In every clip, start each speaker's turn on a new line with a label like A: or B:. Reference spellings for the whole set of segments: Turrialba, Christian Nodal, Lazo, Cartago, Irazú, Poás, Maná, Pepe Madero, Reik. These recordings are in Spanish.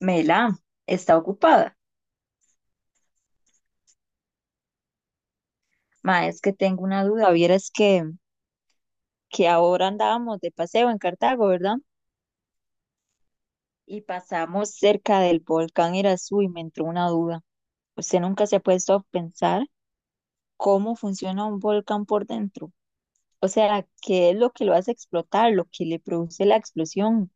A: Mela, está ocupada. Ma, es que tengo una duda. Vieras que ahora andábamos de paseo en Cartago, ¿verdad? Y pasamos cerca del volcán Irazú y me entró una duda. ¿Usted nunca se ha puesto a pensar cómo funciona un volcán por dentro? O sea, ¿qué es lo que lo hace explotar, lo que le produce la explosión?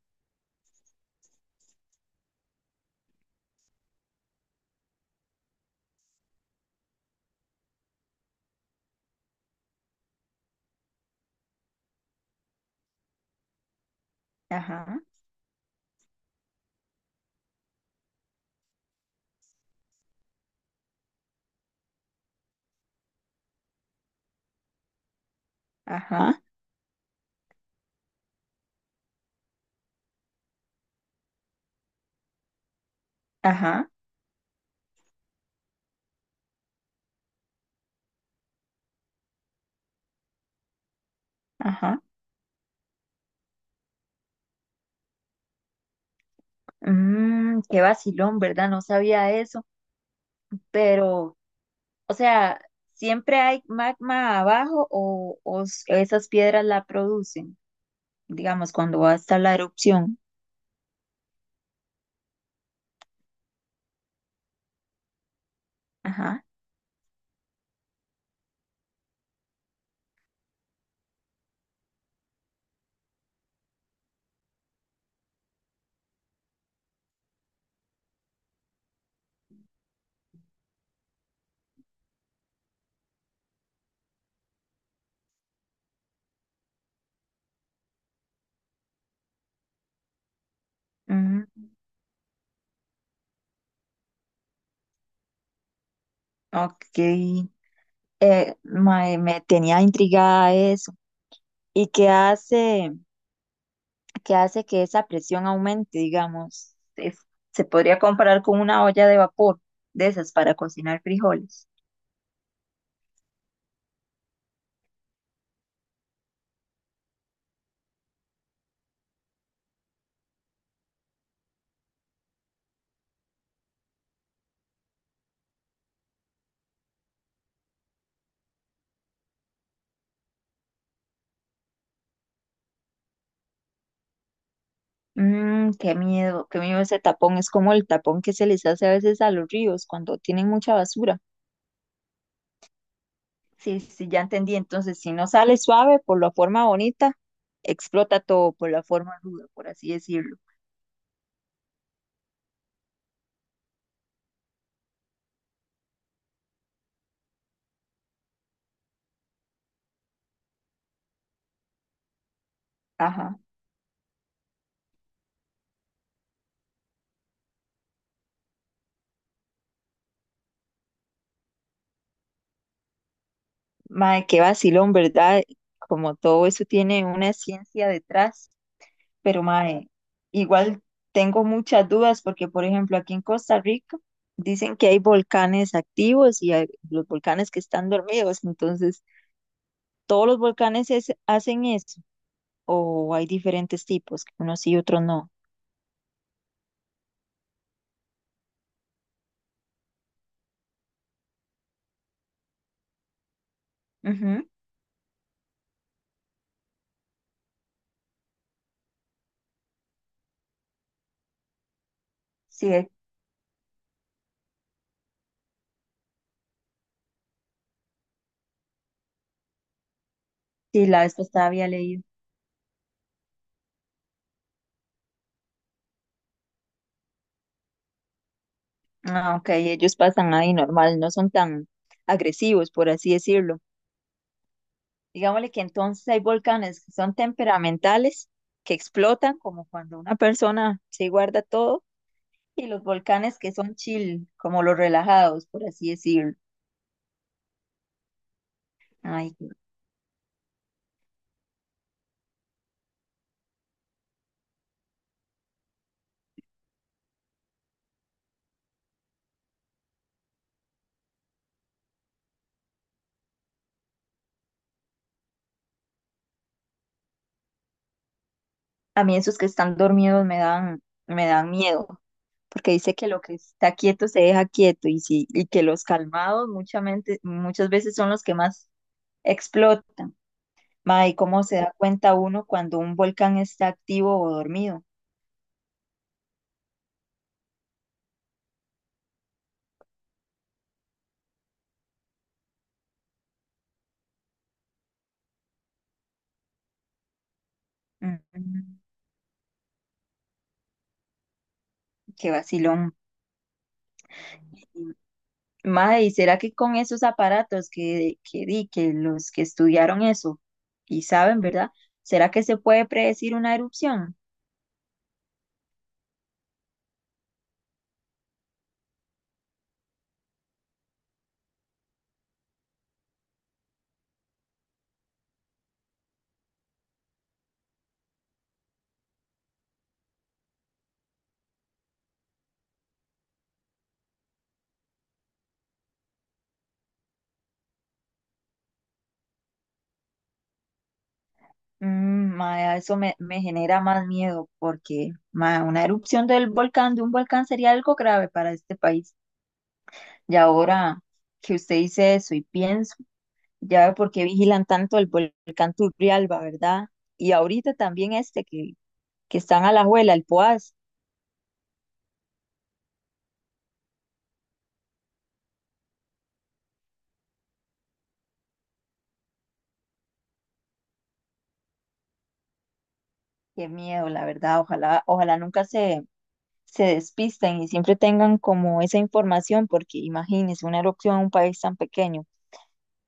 A: Ajá, ajá, ajá, ajá. Mmm, qué vacilón, ¿verdad? No sabía eso. Pero, o sea, ¿siempre hay magma abajo o esas piedras la producen? Digamos, cuando va a estar la erupción. Ajá. Mm. Ok. Mae, me tenía intrigada eso. ¿Y qué hace que esa presión aumente, digamos? Se podría comparar con una olla de vapor de esas para cocinar frijoles. Mm, qué miedo ese tapón. Es como el tapón que se les hace a veces a los ríos cuando tienen mucha basura. Sí, sí, ya entendí. Entonces, si no sale suave por la forma bonita, explota todo por la forma ruda, por así decirlo. Ajá. Mae, qué vacilón, ¿verdad? Como todo eso tiene una ciencia detrás, pero, mae, igual tengo muchas dudas porque, por ejemplo, aquí en Costa Rica dicen que hay volcanes activos y hay los volcanes que están dormidos. Entonces, ¿todos los volcanes hacen eso? ¿O hay diferentes tipos, unos sí y otros no? Ujú. Sí, sí, la vez pasada había leído. Ah, ok, ellos pasan ahí normal, no son tan agresivos, por así decirlo. Digámosle que entonces hay volcanes que son temperamentales, que explotan, como cuando una persona se guarda todo, y los volcanes que son chill, como los relajados, por así decirlo. Ay, a mí esos que están dormidos me dan miedo, porque dice que lo que está quieto se deja quieto, y sí, y que los calmados muchamente, muchas veces son los que más explotan. Ma, ¿y cómo se da cuenta uno cuando un volcán está activo o dormido? Mm, qué vacilón. Ma, ¿y será que con esos aparatos que di, que los que estudiaron eso y saben, ¿verdad? ¿Será que se puede predecir una erupción? Mm, ma, eso me genera más miedo porque, ma, una erupción de un volcán sería algo grave para este país. Y ahora que usted dice eso y pienso, ya veo por qué vigilan tanto el volcán Turrialba, ¿verdad? Y ahorita también este que están a la juela, el Poás. Qué miedo, la verdad. Ojalá, ojalá nunca se despisten y siempre tengan como esa información, porque imagínense una erupción en un país tan pequeño.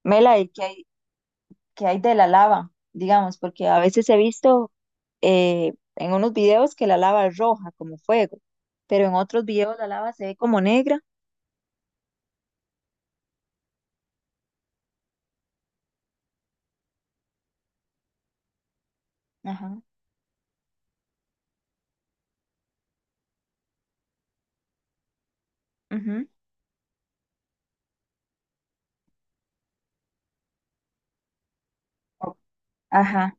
A: Mela, ¿y qué hay de la lava? Digamos, porque a veces he visto en unos videos que la lava es roja, como fuego, pero en otros videos la lava se ve como negra. Ajá. Ujú. Ajá.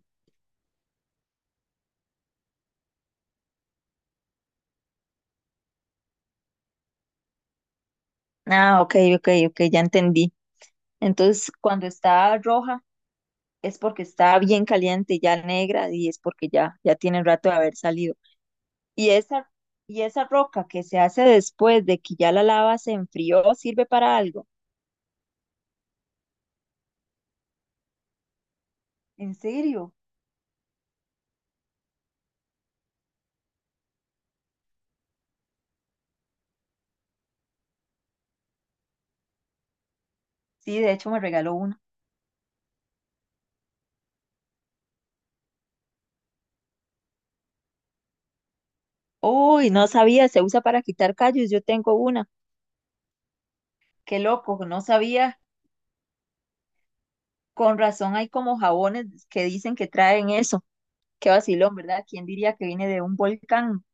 A: Ah, ok, ok, ok, ya entendí. Entonces, cuando está roja es porque está bien caliente, ya negra, y es porque ya tiene rato de haber salido. Y esa, y esa roca que se hace después de que ya la lava se enfrió, ¿sirve para algo? ¿En serio? Sí, de hecho me regaló una. Uy, no sabía, se usa para quitar callos, yo tengo una. Qué loco, no sabía. Con razón hay como jabones que dicen que traen eso. Qué vacilón, ¿verdad? ¿Quién diría que viene de un volcán?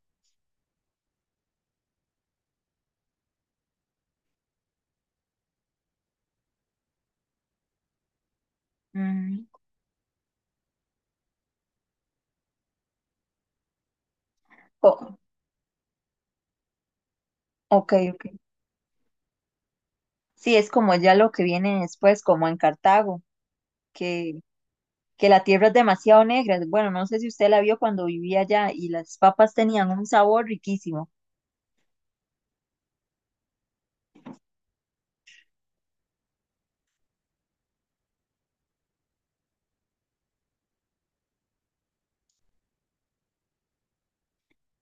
A: Mm. Co- Ok, ok. Sí, es como ya lo que viene después, como en Cartago, que, que la tierra es demasiado negra. Bueno, no sé si usted la vio cuando vivía allá y las papas tenían un sabor riquísimo.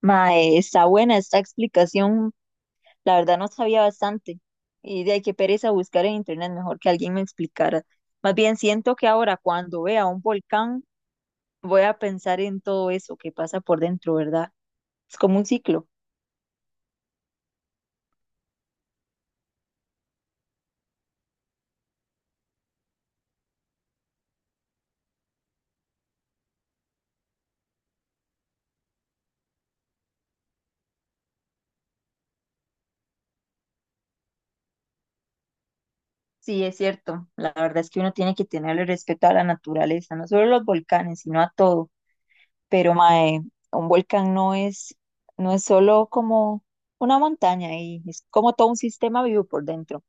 A: Mae, está buena esta explicación. La verdad no sabía bastante. Y de ahí que pereza buscar en internet, mejor que alguien me explicara. Más bien siento que ahora cuando vea un volcán voy a pensar en todo eso que pasa por dentro, ¿verdad? Es como un ciclo. Sí, es cierto. La verdad es que uno tiene que tenerle respeto a la naturaleza, no solo a los volcanes, sino a todo. Pero, mae, un volcán no es solo como una montaña y es como todo un sistema vivo por dentro.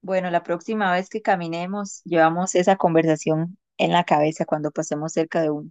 A: Bueno, la próxima vez que caminemos, llevamos esa conversación en la cabeza cuando pasemos cerca de uno.